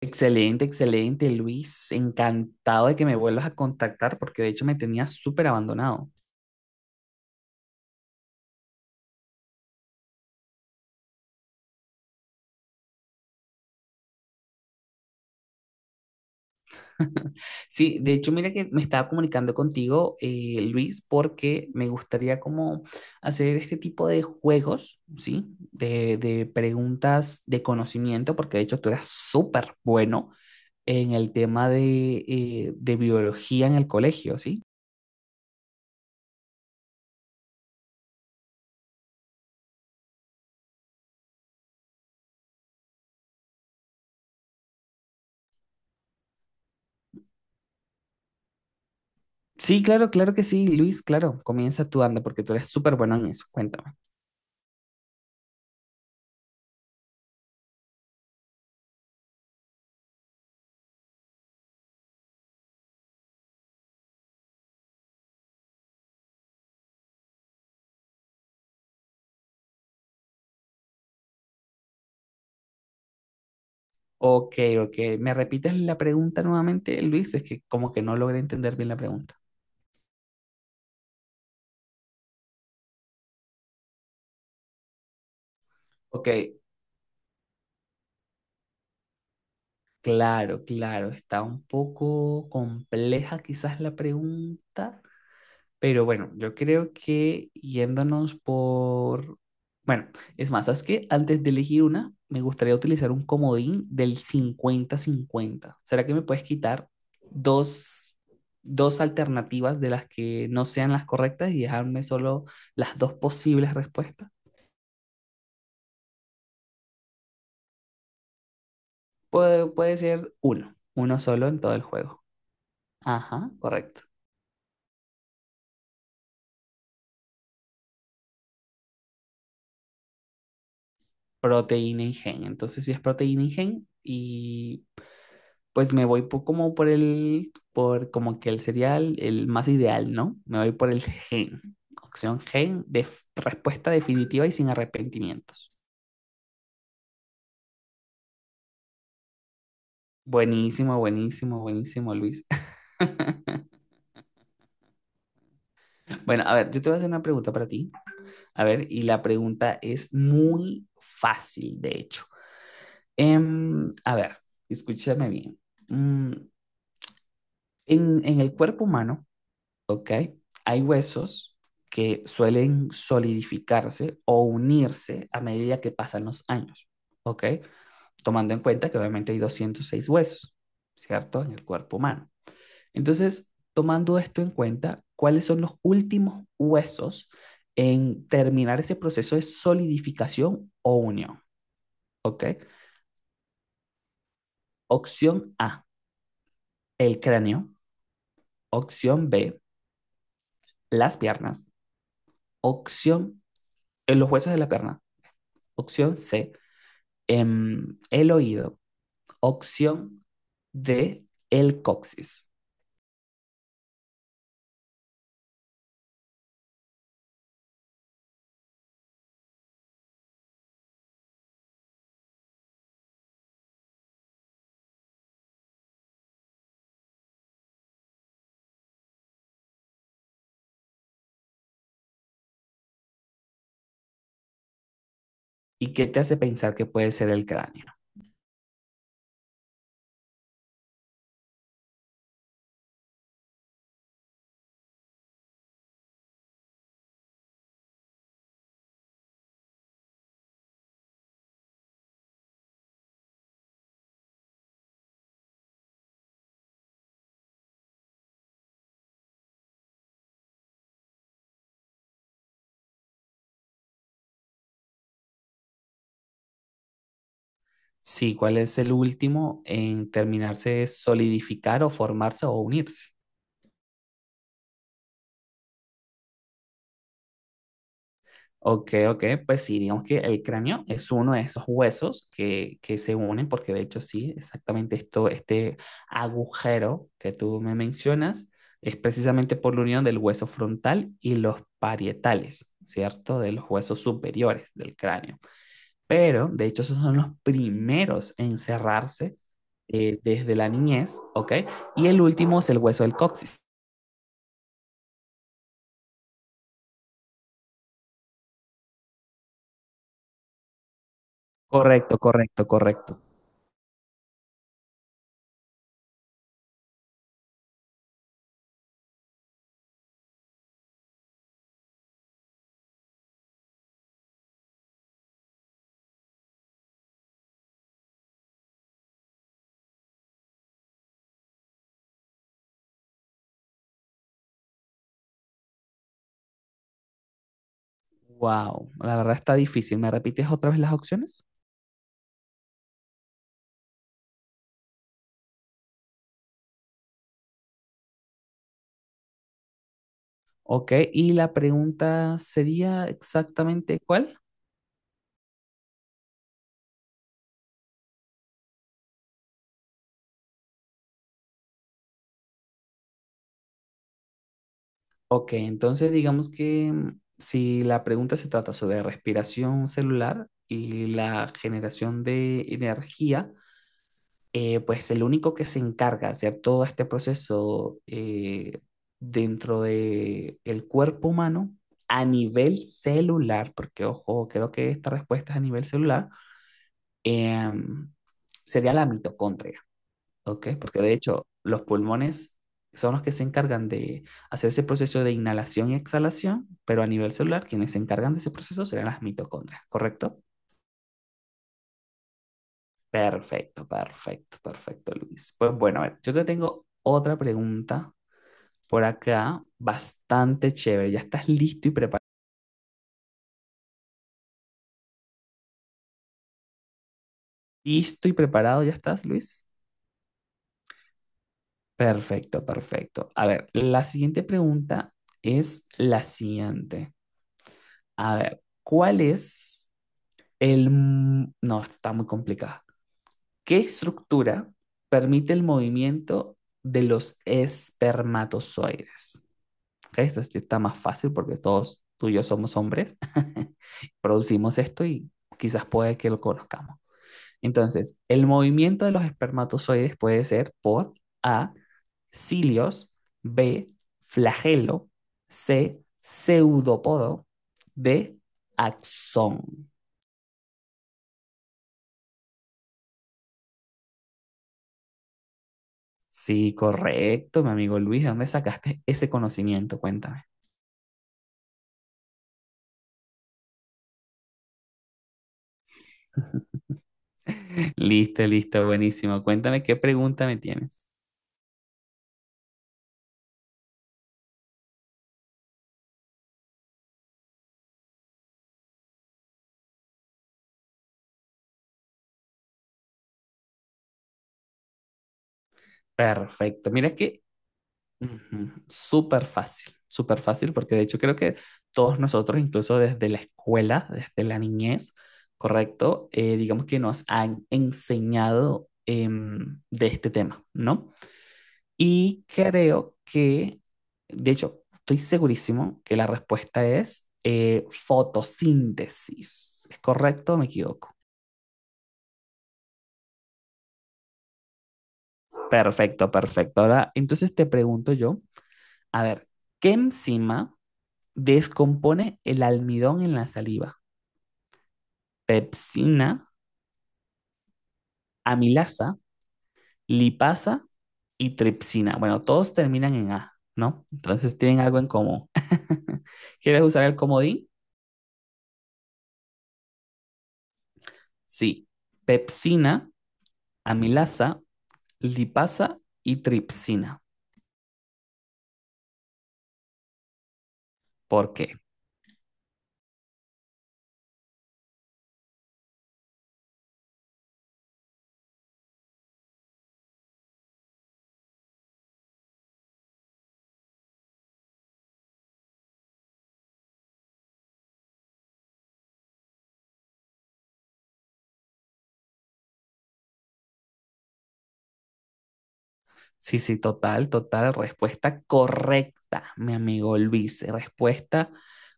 Excelente, excelente, Luis. Encantado de que me vuelvas a contactar porque de hecho me tenías súper abandonado. Sí, de hecho, mira que me estaba comunicando contigo, Luis, porque me gustaría como hacer este tipo de juegos, ¿sí? De preguntas de conocimiento, porque de hecho tú eras súper bueno en el tema de biología en el colegio, ¿sí? Sí, claro, claro que sí, Luis, claro. Comienza tú, anda, porque tú eres súper bueno en eso. Cuéntame. Ok, ok. ¿Me repites la pregunta nuevamente, Luis? Es que como que no logré entender bien la pregunta. Ok, claro, claro. Está un poco compleja quizás la pregunta, pero bueno, yo creo que yéndonos por... Bueno, es más, ¿sabes qué? Antes de elegir una, me gustaría utilizar un comodín del 50-50. ¿Será que me puedes quitar dos, dos alternativas de las que no sean las correctas y dejarme solo las dos posibles respuestas? Puede ser uno solo en todo el juego. Ajá, correcto. Proteína y gen. Entonces, si es proteína y gen, y pues me voy como por el, por como que el cereal, el más ideal, ¿no? Me voy por el gen. Opción gen, de respuesta definitiva y sin arrepentimientos. Buenísimo, buenísimo, buenísimo, Luis. Bueno, a ver, yo te voy a hacer una pregunta para ti. A ver, y la pregunta es muy fácil, de hecho. A ver, escúchame bien. Mm, en el cuerpo humano, ¿ok? Hay huesos que suelen solidificarse o unirse a medida que pasan los años, ¿ok? Tomando en cuenta que obviamente hay 206 huesos, ¿cierto? En el cuerpo humano. Entonces, tomando esto en cuenta, ¿cuáles son los últimos huesos en terminar ese proceso de solidificación o unión? ¿Ok? Opción A, el cráneo. Opción B, las piernas. Opción, los huesos de la pierna. Opción C, el oído. Opción D, el coxis. ¿Y qué te hace pensar que puede ser el cráneo? Sí, ¿cuál es el último en terminarse de solidificar o formarse o unirse? Ok, ok, pues sí, digamos que el cráneo es uno de esos huesos que se unen, porque de hecho sí, exactamente esto, este agujero que tú me mencionas es precisamente por la unión del hueso frontal y los parietales, ¿cierto? De los huesos superiores del cráneo. Pero de hecho esos son los primeros en cerrarse desde la niñez, ¿ok? Y el último es el hueso del coxis. Correcto, correcto, correcto. Wow, la verdad está difícil. ¿Me repites otra vez las opciones? Ok, y la pregunta sería exactamente cuál. Ok, entonces digamos que si la pregunta se trata sobre respiración celular y la generación de energía, pues el único que se encarga de hacer todo este proceso dentro de el cuerpo humano a nivel celular, porque ojo, creo que esta respuesta es a nivel celular, em, sería la mitocondria. Ok, porque de hecho los pulmones son los que se encargan de hacer ese proceso de inhalación y exhalación, pero a nivel celular quienes se encargan de ese proceso serán las mitocondrias, ¿correcto? Perfecto, perfecto, perfecto, Luis. Pues bueno, a ver, yo te tengo otra pregunta por acá, bastante chévere. ¿Ya estás listo y preparado? ¿Listo y preparado ya estás, Luis? Perfecto, perfecto. A ver, la siguiente pregunta es la siguiente. A ver, ¿cuál es el, mm, no, está muy complicada. ¿Qué estructura permite el movimiento de los espermatozoides? Ok, esto sí está más fácil porque todos tú y yo somos hombres. Producimos esto y quizás puede que lo conozcamos. Entonces, el movimiento de los espermatozoides puede ser por A, cilios, B, flagelo, C, pseudópodo, D, axón. Sí, correcto, mi amigo Luis. ¿De dónde sacaste ese conocimiento? Cuéntame. Listo, listo, buenísimo. Cuéntame qué pregunta me tienes. Perfecto. Mira que ujú, súper fácil, porque de hecho creo que todos nosotros, incluso desde la escuela, desde la niñez, correcto. Digamos que nos han enseñado de este tema, ¿no? Y creo que, de hecho, estoy segurísimo que la respuesta es fotosíntesis. ¿Es correcto o me equivoco? Perfecto, perfecto. Ahora, entonces te pregunto yo, a ver, ¿qué enzima descompone el almidón en la saliva? Pepsina, amilasa, lipasa y tripsina. Bueno, todos terminan en A, ¿no? Entonces tienen algo en común. ¿Quieres usar el comodín? Sí. Pepsina, amilasa, lipasa y tripsina. ¿Por qué? Sí, sí, total, total. Respuesta correcta, mi amigo Luis. Respuesta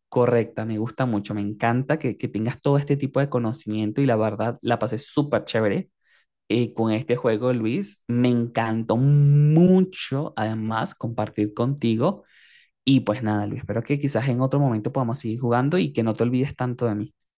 correcta. Me gusta mucho. Me encanta que tengas todo este tipo de conocimiento y la verdad la pasé súper chévere con este juego, Luis. Me encantó mucho, además, compartir contigo. Y pues nada, Luis, espero que quizás en otro momento podamos seguir jugando y que no te olvides tanto de mí.